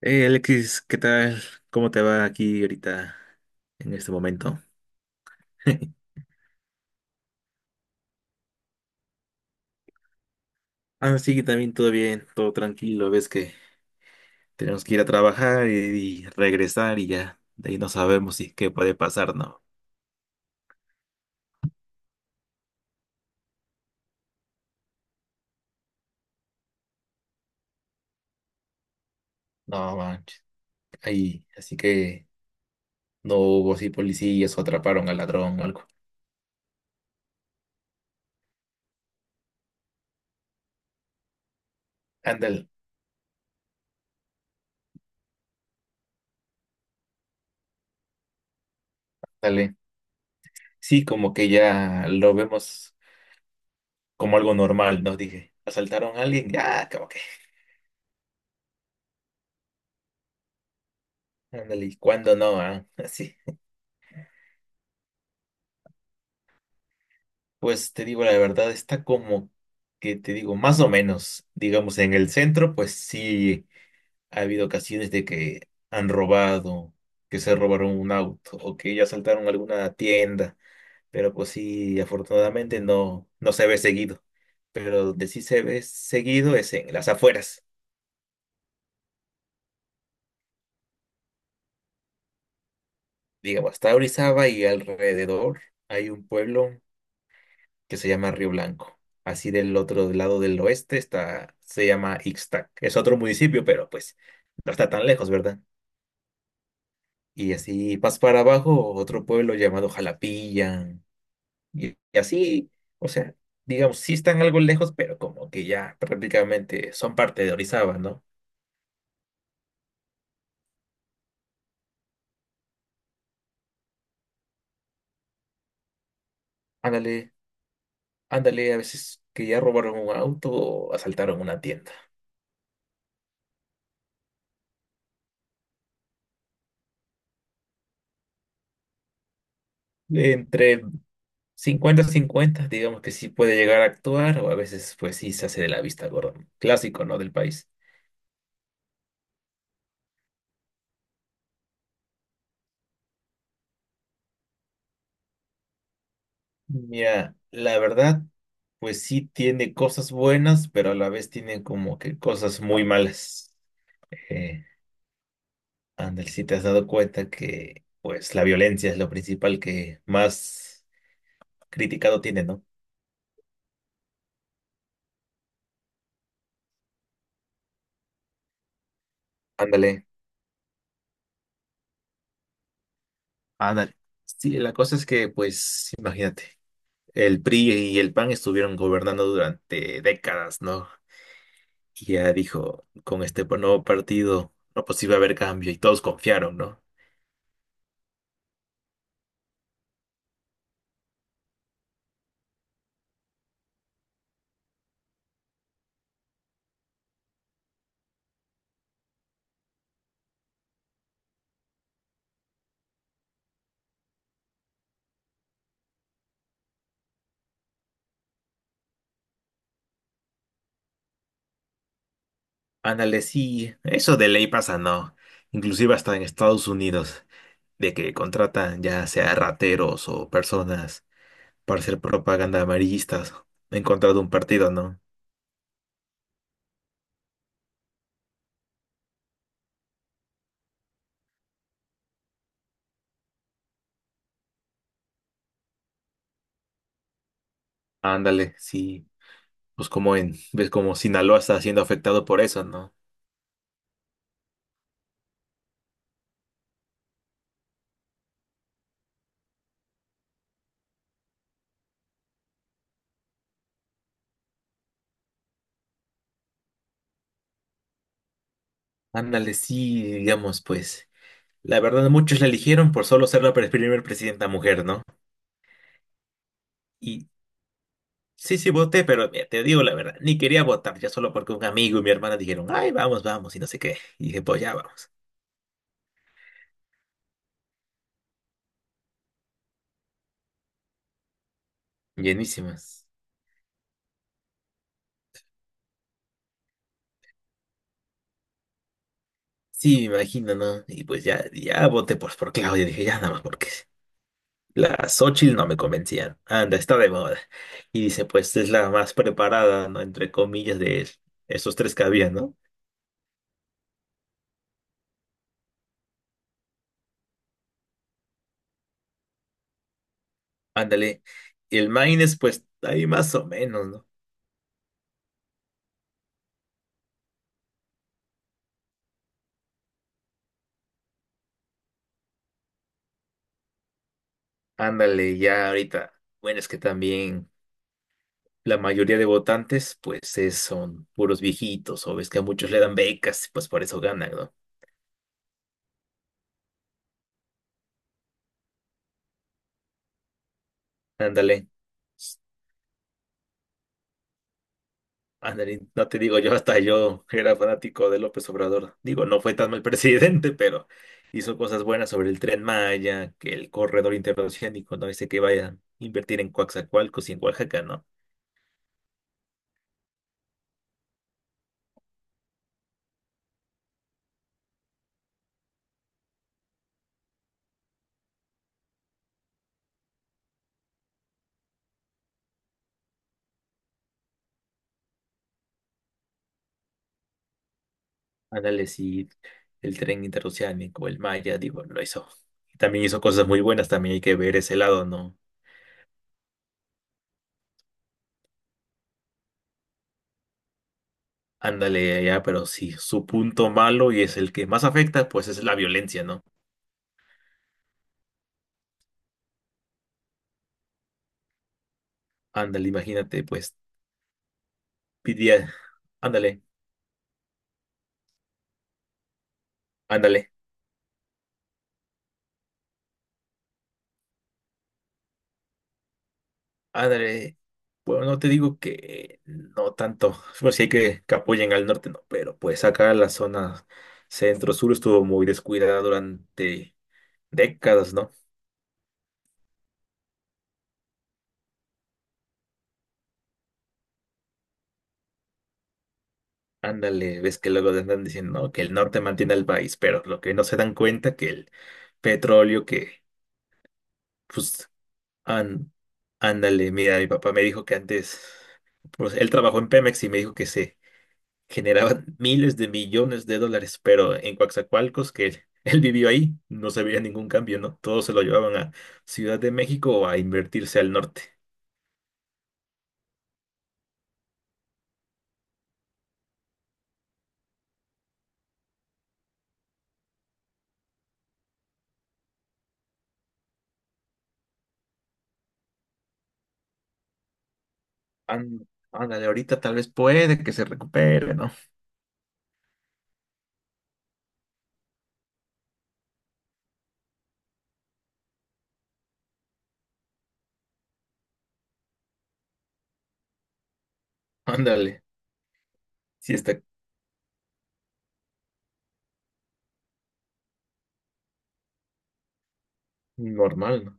Hey Alexis, ¿qué tal? ¿Cómo te va aquí ahorita en este momento? Ah, sí, también todo bien, todo tranquilo. Ves que tenemos que ir a trabajar y regresar y ya. De ahí no sabemos si qué puede pasar, ¿no? No manches. Ahí, así que no hubo así policías o atraparon al ladrón o algo. Ándale, dale. Sí, como que ya lo vemos como algo normal, ¿no? Dije, asaltaron a alguien, ya, como que. Ándale, ¿y cuándo no? ¿Ah? Así. Pues te digo la verdad, está como que te digo, más o menos, digamos, en el centro, pues sí ha habido ocasiones de que han robado, que se robaron un auto o que ya asaltaron alguna tienda, pero pues sí, afortunadamente no, no se ve seguido. Pero donde sí se ve seguido es en las afueras. Digamos, hasta Orizaba y alrededor hay un pueblo que se llama Río Blanco. Así del otro lado del oeste está, se llama Ixtac. Es otro municipio, pero pues no está tan lejos, ¿verdad? Y así vas para abajo, otro pueblo llamado Jalapilla. Y así, o sea, digamos, sí están algo lejos, pero como que ya prácticamente son parte de Orizaba, ¿no? Ándale, ándale, a veces que ya robaron un auto o asaltaron una tienda. Entre 50-50 digamos que sí puede llegar a actuar o a veces pues sí se hace de la vista gorda. Clásico, ¿no? Del país. Mira, la verdad, pues sí tiene cosas buenas, pero a la vez tiene como que cosas muy malas. Eh, Andel, si te has dado cuenta que pues la violencia es lo principal que más criticado tiene, ¿no? Ándale. Ándale. Sí, la cosa es que pues imagínate, el PRI y el PAN estuvieron gobernando durante décadas, ¿no? Y ya dijo, con este nuevo partido, no, pues iba a haber cambio y todos confiaron, ¿no? Ándale, sí, eso de ley pasa, ¿no? Inclusive hasta en Estados Unidos, de que contratan ya sea rateros o personas para hacer propaganda amarillistas en contra de un partido, ¿no? Ándale, sí, pues como en, ves como Sinaloa está siendo afectado por eso, ¿no? Ándale, sí, digamos, pues, la verdad muchos la eligieron por solo ser la primer presidenta mujer, ¿no? Y sí, sí, voté, pero mira, te digo la verdad, ni quería votar, ya solo porque un amigo y mi hermana dijeron, ay, vamos, vamos, y no sé qué. Y dije, pues ya vamos. Llenísimas. Sí, me imagino, ¿no? Y pues ya, ya voté por Claudia, dije, ya nada más porque la Xochitl no me convencían. Anda, está de moda. Y dice, pues es la más preparada, ¿no? Entre comillas, de esos tres que había, ¿no? Ándale. Y el Maines, pues ahí más o menos, ¿no? Ándale, ya ahorita. Bueno, es que también la mayoría de votantes, pues son puros viejitos, o ves que a muchos le dan becas, pues por eso ganan, ¿no? Ándale, ándale, no te digo yo, hasta yo era fanático de López Obrador. Digo, no fue tan mal presidente, pero hizo cosas buenas sobre el Tren Maya, que el corredor interoceánico, no dice que vaya a invertir en Coaxacualcos y en Oaxaca, ¿no? Ándale, sí, el tren interoceánico, el Maya, digo, lo hizo. También hizo cosas muy buenas, también hay que ver ese lado, ¿no? Ándale, ya, pero si su punto malo y es el que más afecta, pues es la violencia, ¿no? Ándale, imagínate, pues, diría, ándale, ándale, ándale. Bueno, no te digo que no tanto. Pues sí hay que apoyen al norte, no, pero pues acá la zona centro-sur estuvo muy descuidada durante décadas, ¿no? Ándale, ves que luego andan diciendo, no, que el norte mantiene al país, pero lo que no se dan cuenta que el petróleo que pues An- ándale, mira, mi papá me dijo que antes, pues él trabajó en Pemex y me dijo que se generaban miles de millones de dólares, pero en Coatzacoalcos, que él, él vivió ahí, no se veía ningún cambio, ¿no? Todos se lo llevaban a Ciudad de México o a invertirse al norte. Án- ándale, ahorita tal vez puede que se recupere, ¿no? Ándale, sí está normal, ¿no?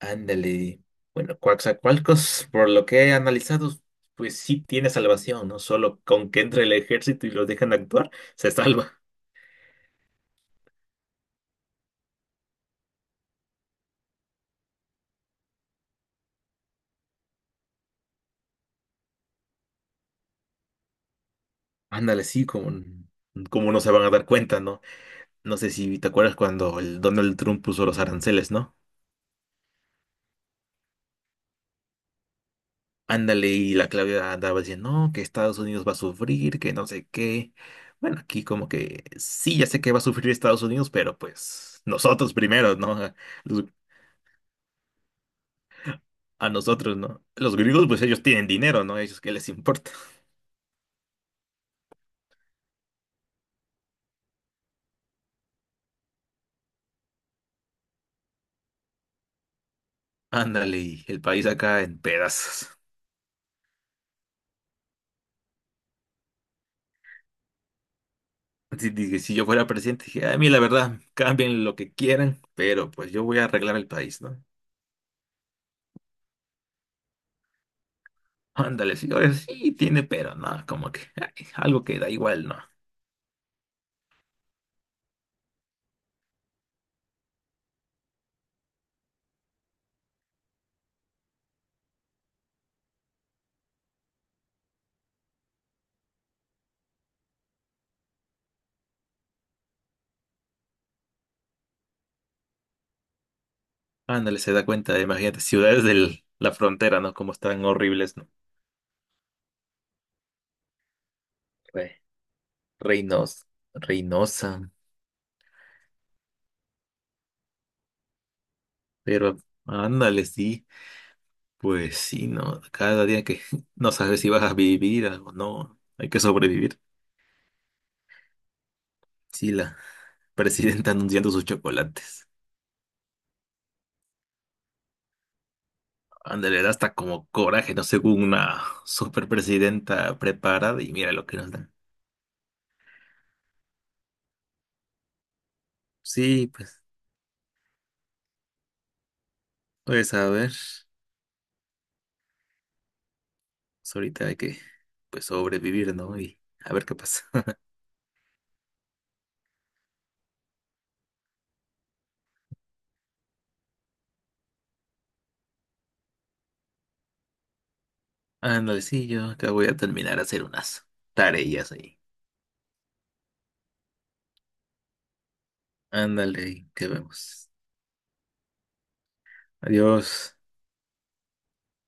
Ándale. Bueno, Coaxacualcos, por lo que he analizado, pues sí tiene salvación, ¿no? Solo con que entre el ejército y los dejan actuar, se salva. Ándale, sí, como, como no se van a dar cuenta, ¿no? No sé si te acuerdas cuando el Donald Trump puso los aranceles, ¿no? Ándale, y la Claudia andaba diciendo, no, que Estados Unidos va a sufrir, que no sé qué. Bueno, aquí como que sí, ya sé que va a sufrir Estados Unidos, pero pues nosotros primero, ¿no? Los a nosotros, ¿no? Los griegos, pues ellos tienen dinero, ¿no? Ellos, ¿qué les importa? Ándale, y el país acá en pedazos. Así dije, si yo fuera presidente, dije, "Ah, a mí la verdad, cambien lo que quieran, pero pues yo voy a arreglar el país, ¿no? Ándale, señores, sí tiene, pero no, como que ay, algo que da igual, ¿no? Ándale, se da cuenta, imagínate, ciudades de la frontera, ¿no? Como están horribles, ¿no? Re- Reinos, Reynosa, pero ándale, sí. Pues sí, ¿no? Cada día que no sabes si vas a vivir o no, hay que sobrevivir. Sí, la presidenta anunciando sus chocolates. Ándale, da hasta como coraje, ¿no? Según una superpresidenta preparada y mira lo que nos dan. Sí, pues, pues a ver, pues ahorita hay que pues sobrevivir, ¿no? Y a ver qué pasa. Ándale, sí, yo acá voy a terminar a hacer unas tareas ahí. Ándale, que vemos. Adiós.